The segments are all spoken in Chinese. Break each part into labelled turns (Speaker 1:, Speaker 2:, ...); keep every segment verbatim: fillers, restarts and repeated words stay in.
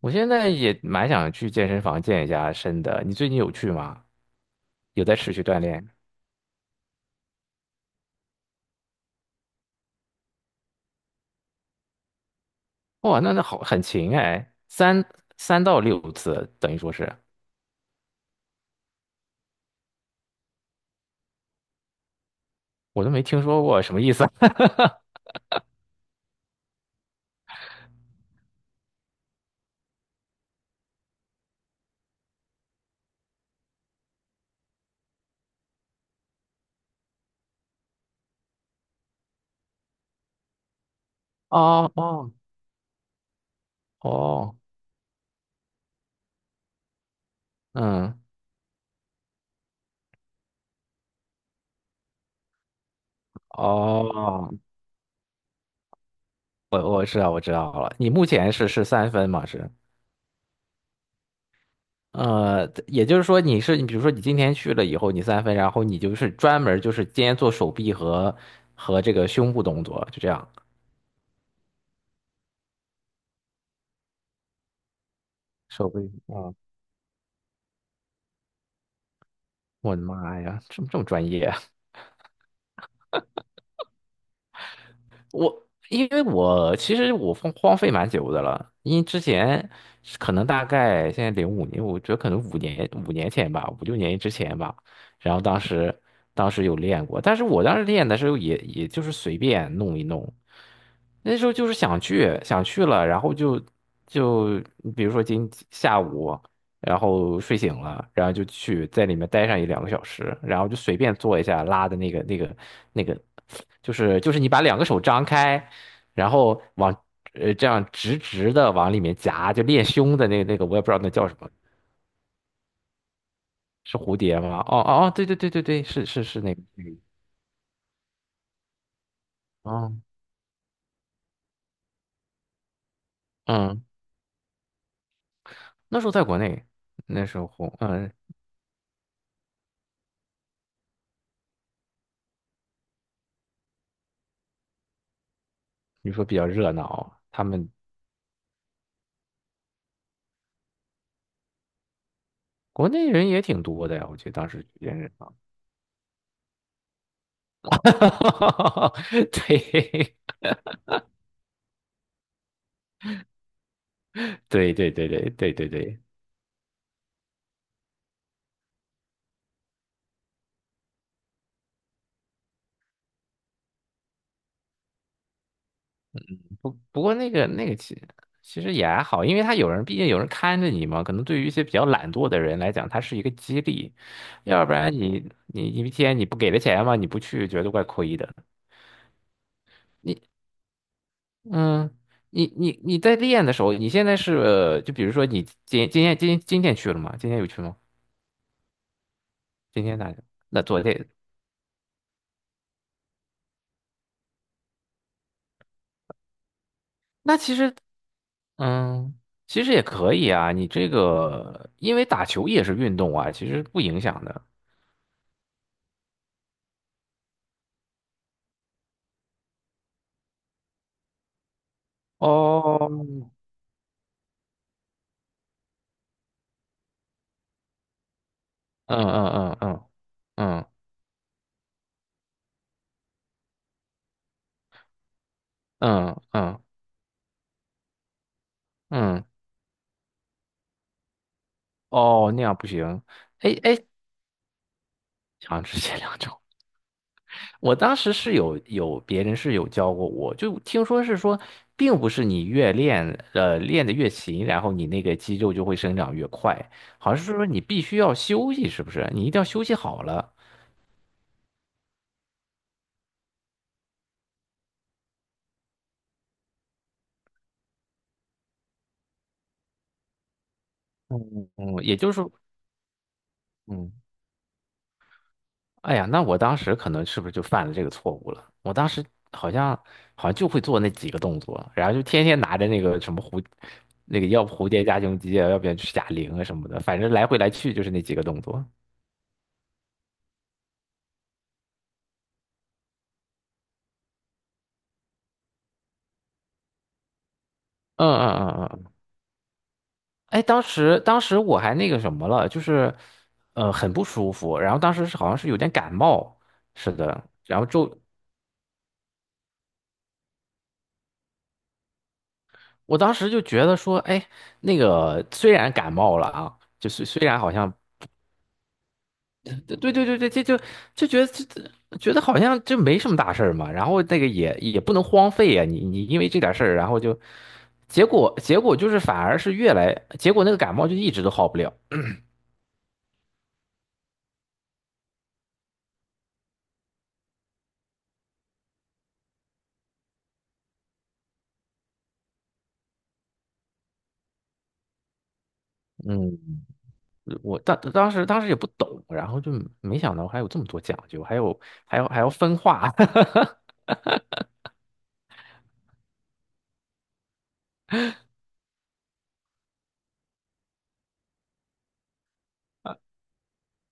Speaker 1: 我现在也蛮想去健身房健一下身的。你最近有去吗？有在持续锻炼？哇，那那好，很勤哎，三三到六次，等于说是，我都没听说过，什么意思？哦哦。哦，嗯。哦，我我知道我知道了。你目前是是三分嘛？是。呃，也就是说你是你，比如说你今天去了以后，你三分，然后你就是专门就是今天做手臂和和这个胸部动作，就这样。手臂，啊。我的妈呀，这么这么专业啊，因为我其实我荒荒废蛮久的了，因为之前是可能大概现在零五年，我觉得可能五年五年前吧，五六年之前吧。然后当时当时有练过，但是我当时练的时候也也就是随便弄一弄，那时候就是想去想去了，然后就就比如说今下午，然后睡醒了，然后就去在里面待上一两个小时，然后就随便做一下拉的那个那个那个，就是就是你把两个手张开。然后往呃这样直直的往里面夹，就练胸的那那个，我也不知道那叫什么，是蝴蝶吗？哦哦哦，对对对对对，是是是那个，嗯。哦。嗯，那时候在国内，那时候红，嗯，你说比较热闹，他们国内人也挺多的呀，我觉得当时也热闹，对 对对对对对对对对，不不过那个那个其其实也还好，因为他有人，毕竟有人看着你嘛。可能对于一些比较懒惰的人来讲，它是一个激励，要不然你你一天你不给他钱嘛，你不去觉得怪亏的。你嗯，你你你在练的时候，你现在是呃就比如说你今今天今天今天去了吗？今天有去吗？今天，那那昨天，那其实，嗯。其实也可以啊，你这个因为打球也是运动啊，其实不影响的。哦，嗯嗯嗯嗯嗯嗯嗯嗯。哦，那样不行。哎哎，好像是前两种。我当时是有有别人是有教过我，就听说是说，并不是你越练呃练得越勤，然后你那个肌肉就会生长越快，好像是说你必须要休息，是不是？你一定要休息好了。嗯嗯，也就是说，嗯。哎呀，那我当时可能是不是就犯了这个错误了？我当时好像好像就会做那几个动作，然后就天天拿着那个什么蝴，那个要不蝴蝶加胸肌啊，要不然就是哑铃啊什么的，反正来回来去就是那几个动作。嗯嗯嗯嗯，嗯。哎，当时当时我还那个什么了，就是呃很不舒服，然后当时是好像是有点感冒，是的，然后就我当时就觉得说，哎，那个虽然感冒了啊，就是虽然好像对对对对，这就就觉得这这觉得好像这没什么大事儿嘛，然后那个也也不能荒废呀、你你因为这点事儿，然后就结果结果就是反而是越来结果那个感冒就一直都好不了。嗯，我当当时当时也不懂，然后就没想到还有这么多讲究，还有还要还要分化，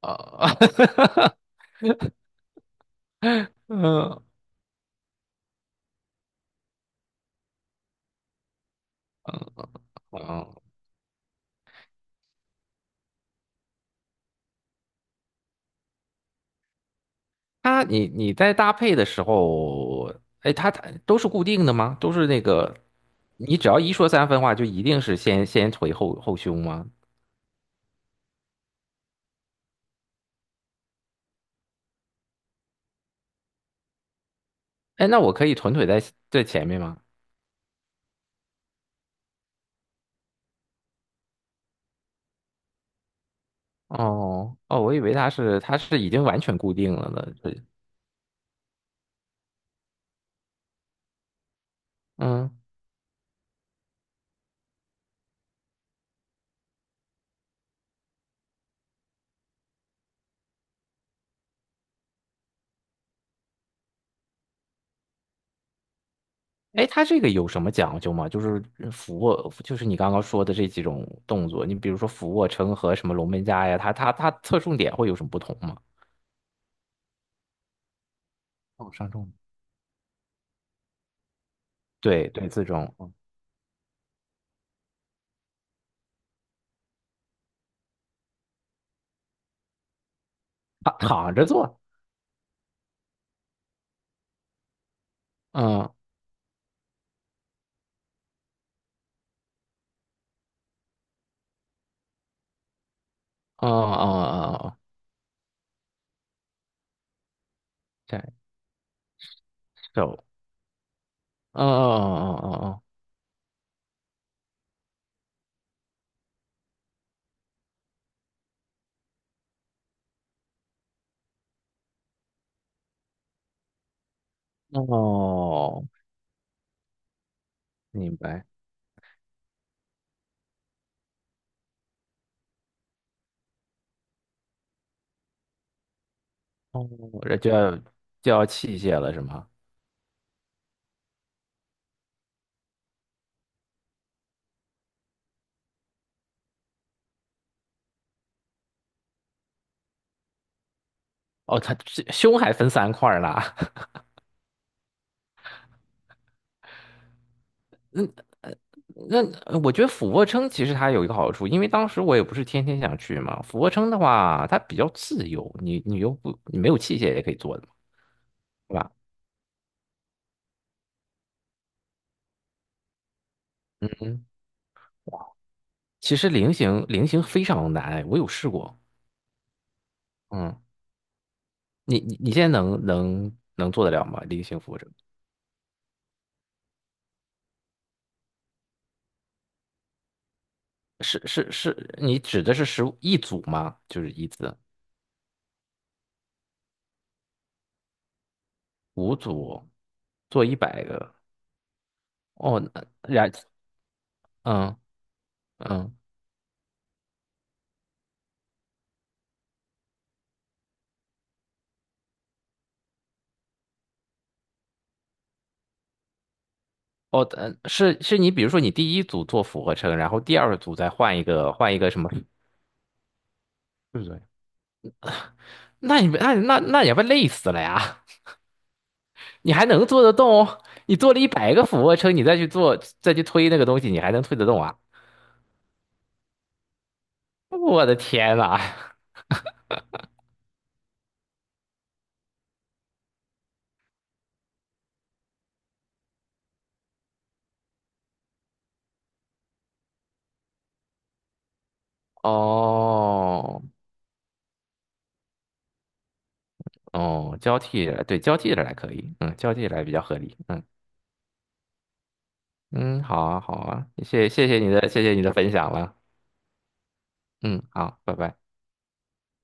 Speaker 1: 啊，嗯嗯。它你你在搭配的时候，哎，它它都是固定的吗？都是那个，你只要一说三分话，就一定是先先腿后后胸吗？哎，那我可以臀腿在在前面吗？哦哦，我以为它是它是已经完全固定了呢。是，嗯，哎，它这个有什么讲究吗？就是俯卧，就是你刚刚说的这几种动作，你比如说俯卧撑和什么龙门架呀，它它它侧重点会有什么不同吗？哦，上重点。对对，这种他躺躺着做，嗯。哦哦哦哦，感手。哦哦哦哦哦哦，明白，哦，这就要就要器械了是吗？哦，它这胸还分三块儿呢。那那呃我觉得俯卧撑其实它有一个好处，因为当时我也不是天天想去嘛。俯卧撑的话，它比较自由，你你又不你没有器械也可以做的嘛，对吧？嗯，其实菱形菱形非常难，我有试过。嗯，你你你现在能能能做得了吗？菱形俯卧撑？是是是，你指的是十五一组吗？就是一次五组做一百个哦，那然嗯嗯哦，呃是是你比如说你第一组做俯卧撑，然后第二组再换一个换一个什么，对不对？那你们那那那也不累死了呀？你还能做得动哦？你做了一百个俯卧撑，你再去做再去推那个东西，你还能推得动啊？我的天呐！哦哦，交替着来，对，交替着来可以，嗯，交替着来比较合理，嗯。嗯，好啊，好啊，谢谢谢你的，谢谢你的分享了。嗯，好，拜拜。